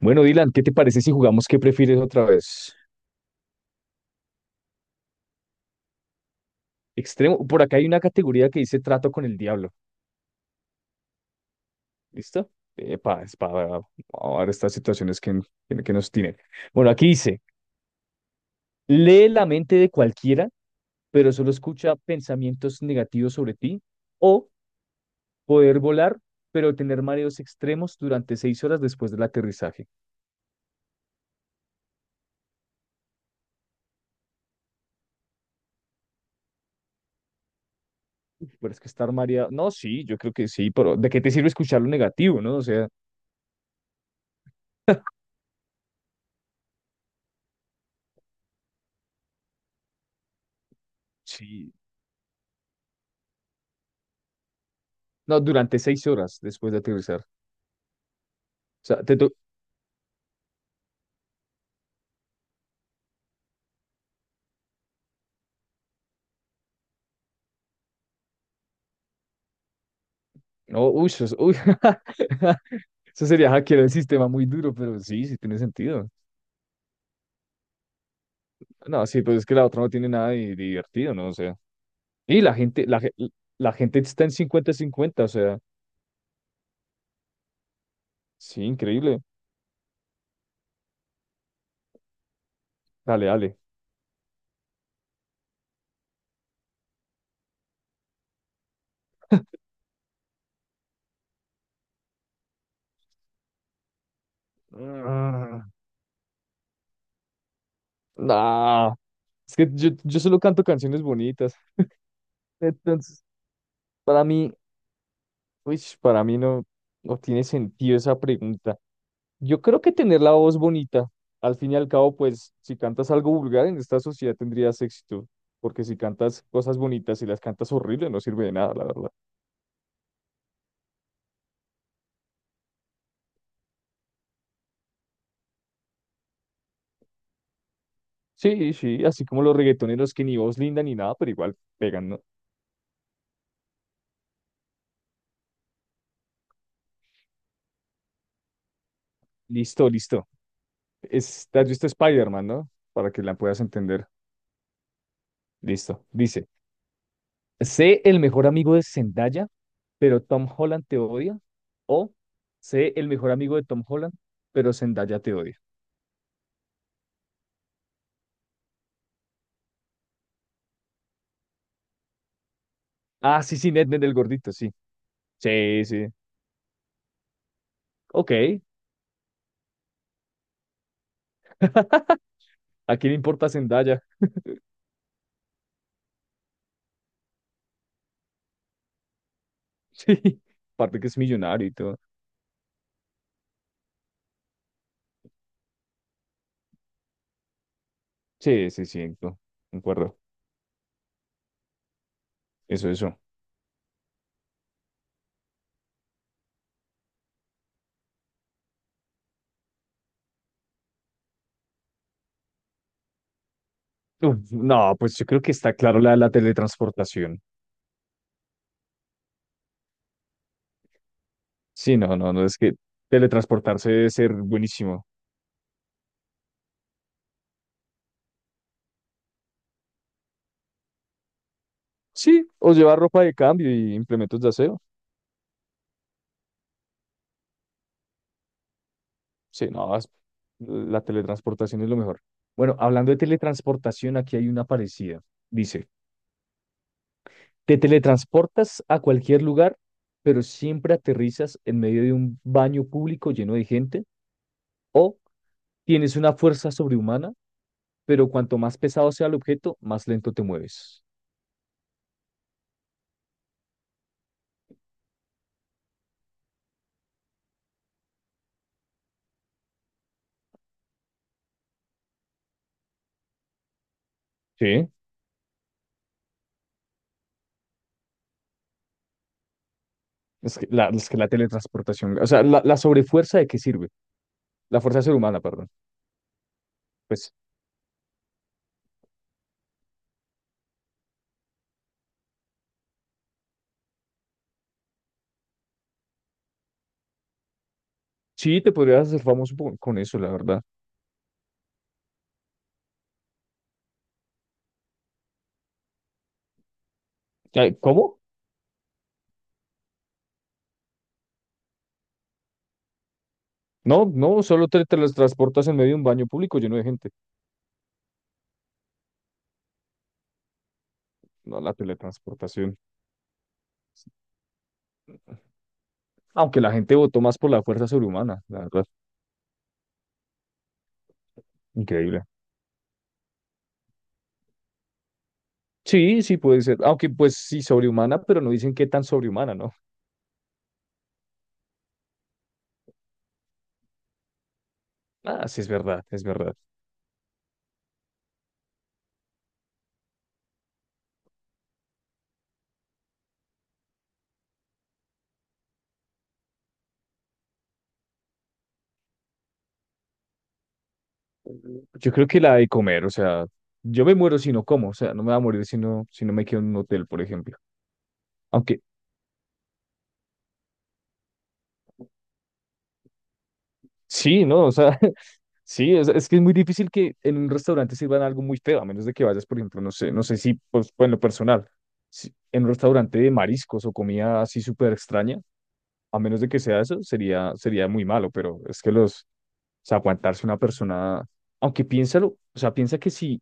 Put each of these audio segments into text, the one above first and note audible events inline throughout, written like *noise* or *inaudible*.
Bueno, Dylan, ¿qué te parece si jugamos qué prefieres otra vez? Extremo, por acá hay una categoría que dice trato con el diablo. ¿Listo? Epa, es para ahora estas situaciones que nos tienen. Bueno, aquí dice, lee la mente de cualquiera, pero solo escucha pensamientos negativos sobre ti, o poder volar, pero tener mareos extremos durante 6 horas después del aterrizaje. Pero es que estar mareado, no, sí, yo creo que sí, pero ¿de qué te sirve escuchar lo negativo, no? O sea, sí, no, durante 6 horas después de aterrizar. O sea, no, uy, uy, *laughs* eso sería hackear el sistema muy duro, pero sí, sí tiene sentido. No, sí, pues es que la otra no tiene nada de divertido, ¿no? O sea, y la gente, la gente está en cincuenta cincuenta, o sea, sí, increíble. Dale, dale. Mm, Ah, No, es que yo solo canto canciones bonitas. Entonces, para mí, no, no tiene sentido esa pregunta. Yo creo que tener la voz bonita, al fin y al cabo, pues si cantas algo vulgar en esta sociedad tendrías éxito, porque si cantas cosas bonitas y las cantas horrible no sirve de nada, la verdad. Sí, sí, así como los reggaetoneros que ni voz linda ni nada, pero igual pegan, ¿no? Listo, listo. ¿Te has visto Spider-Man, no? Para que la puedas entender. Listo. Dice, sé el mejor amigo de Zendaya, pero Tom Holland te odia, o sé el mejor amigo de Tom Holland, pero Zendaya te odia. Ah, sí, sí, Ned, Ned, el gordito, sí. Sí, sí. Ok, ¿a quién le importa Zendaya? *laughs* Sí, aparte que es millonario y todo. Sí, sí, sí, no, concuerdo. Eso, eso. Uf, no, pues yo creo que está claro la de la teletransportación. Sí, no, no, no, es que teletransportarse debe ser buenísimo. Sí, o llevar ropa de cambio y implementos de aseo. Sí, no, la teletransportación es lo mejor. Bueno, hablando de teletransportación, aquí hay una parecida. Dice, te teletransportas a cualquier lugar, pero siempre aterrizas en medio de un baño público lleno de gente. O tienes una fuerza sobrehumana, pero cuanto más pesado sea el objeto, más lento te mueves. Sí, es que la teletransportación, o sea, la sobrefuerza de qué sirve, la fuerza sobrehumana, perdón. Pues sí, te podrías hacer famoso con eso, la verdad. ¿Cómo? No, no, solo te teletransportas en medio de un baño público lleno de gente. No, la teletransportación. Aunque la gente votó más por la fuerza sobrehumana, la verdad. Increíble. Sí, sí puede ser. Aunque pues sí, sobrehumana, pero no dicen qué tan sobrehumana, ¿no? Ah, sí, es verdad, es verdad. Yo creo que la de comer, o sea, yo me muero si no como, o sea, no me va a morir si no me quedo en un hotel, por ejemplo. Aunque sí, ¿no? O sea, *laughs* sí, es que es muy difícil que en un restaurante sirvan algo muy feo, a menos de que vayas, por ejemplo, no sé, no sé si, pues, en lo personal, en un restaurante de mariscos o comida así súper extraña, a menos de que sea eso, sería, sería muy malo, pero es que los... O sea, aguantarse una persona, aunque piénsalo, o sea, piensa que si,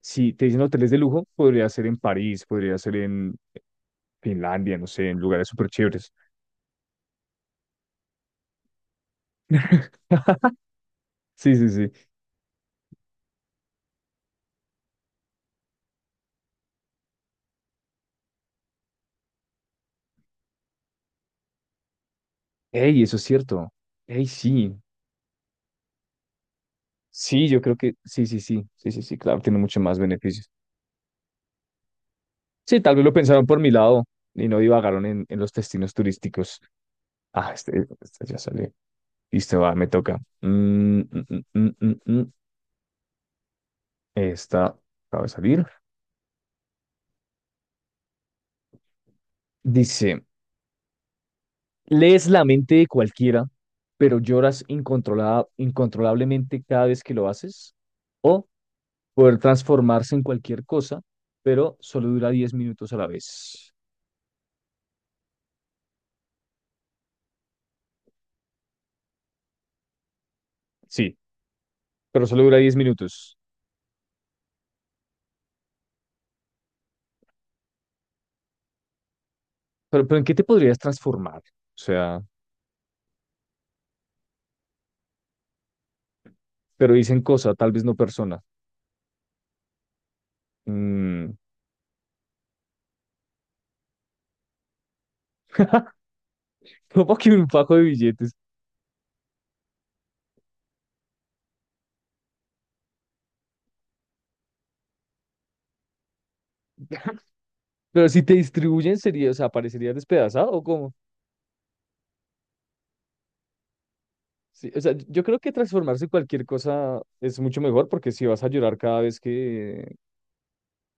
si te dicen hoteles de lujo, podría ser en París, podría ser en Finlandia, no sé, en lugares súper chéveres. Sí, sí, sí. Ey, eso es cierto. Ey, sí. Sí, yo creo que sí, sí, sí, sí, sí, sí, claro, tiene mucho más beneficios. Sí, tal vez lo pensaron por mi lado y no divagaron en los destinos turísticos. Ah, este ya salió. Listo, va, me toca. Mm, mm. Esta acaba de salir. Dice. Lees la mente de cualquiera, pero lloras incontrolablemente cada vez que lo haces. O poder transformarse en cualquier cosa, pero solo dura 10 minutos a la vez. Sí, pero solo dura 10 minutos. Pero ¿en qué te podrías transformar? O sea, pero dicen cosa, tal vez no persona. Mm, *laughs* ¿cómo que un fajo de billetes? *laughs* Pero si te distribuyen, sería, o sea, ¿parecería despedazado o cómo? Sí, o sea, yo creo que transformarse en cualquier cosa es mucho mejor porque si vas a llorar cada vez que,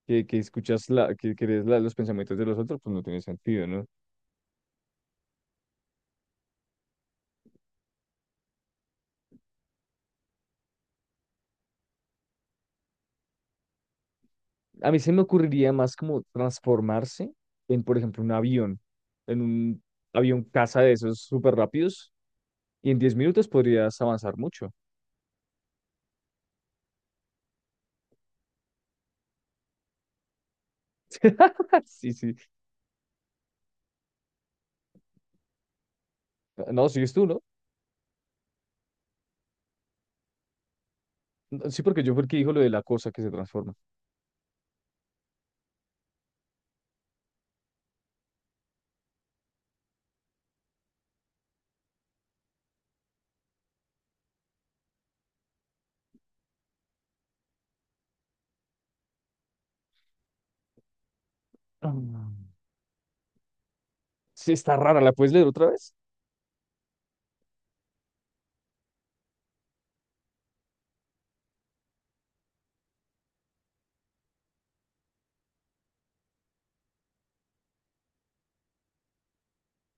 que, que escuchas que lees los pensamientos de los otros, pues no tiene sentido, ¿no? A mí se me ocurriría más como transformarse en, por ejemplo, un avión, en un avión caza de esos súper rápidos y en 10 minutos podrías avanzar mucho. *laughs* Sí, sí. No, sigues tú, ¿no? No, sí, porque yo fue el que dijo lo de la cosa que se transforma. Ah. Sí, está rara, ¿la puedes leer otra vez?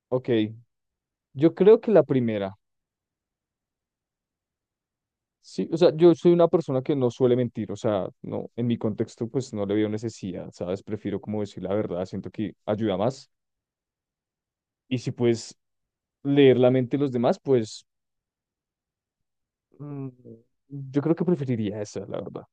Ok, yo creo que la primera. Sí, o sea, yo soy una persona que no suele mentir, o sea, no, en mi contexto pues no le veo necesidad, ¿sabes? Prefiero como decir la verdad, siento que ayuda más. Y si puedes leer la mente de los demás, pues mm, yo creo que preferiría esa, la verdad.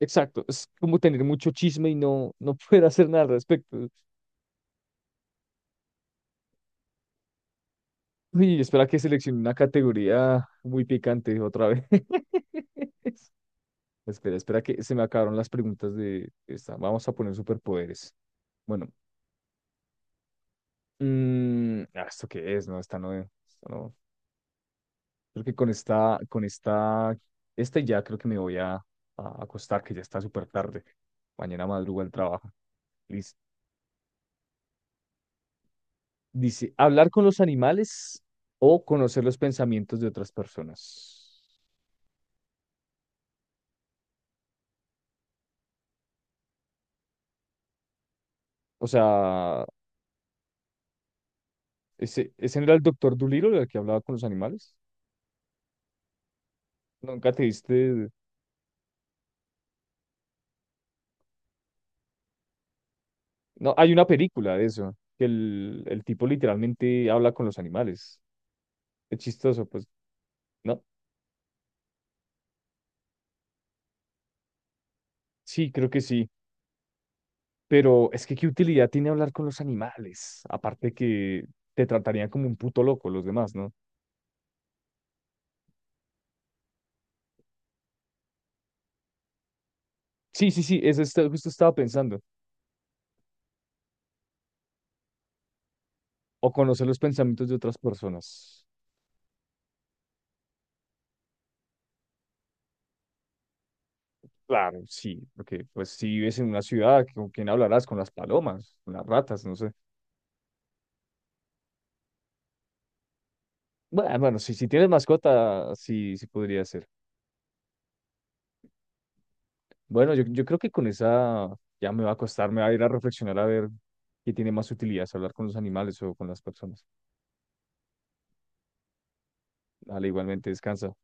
Exacto, es como tener mucho chisme y no *laughs* poder hacer nada al respecto. Uy, espera que seleccione una categoría muy picante otra vez. *laughs* Espera, espera que se me acabaron las preguntas de esta. Vamos a poner superpoderes. Bueno, ¿esto qué es? No, esta no es. Esta no. Creo que con esta, ya creo que me voy a acostar, que ya está súper tarde. Mañana madruga el trabajo. Listo. Dice, hablar con los animales o conocer los pensamientos de otras personas. O sea, ¿ese no era el doctor Dolittle el que hablaba con los animales? Nunca te viste. No, hay una película de eso, que el tipo literalmente habla con los animales. Es chistoso, pues, ¿no? Sí, creo que sí. Pero es que qué utilidad tiene hablar con los animales, aparte que te tratarían como un puto loco los demás, ¿no? Sí, sí, sí, eso justo estaba pensando. O conocer los pensamientos de otras personas. Claro, sí, porque pues si vives en una ciudad, ¿con quién hablarás? Con las palomas, con las ratas, no sé. Bueno, bueno, si tienes mascota, sí, sí podría ser. Bueno, yo creo que con esa ya me va a costar, me va a ir a reflexionar a ver qué tiene más utilidad, si hablar con los animales o con las personas. Dale, igualmente, descansa.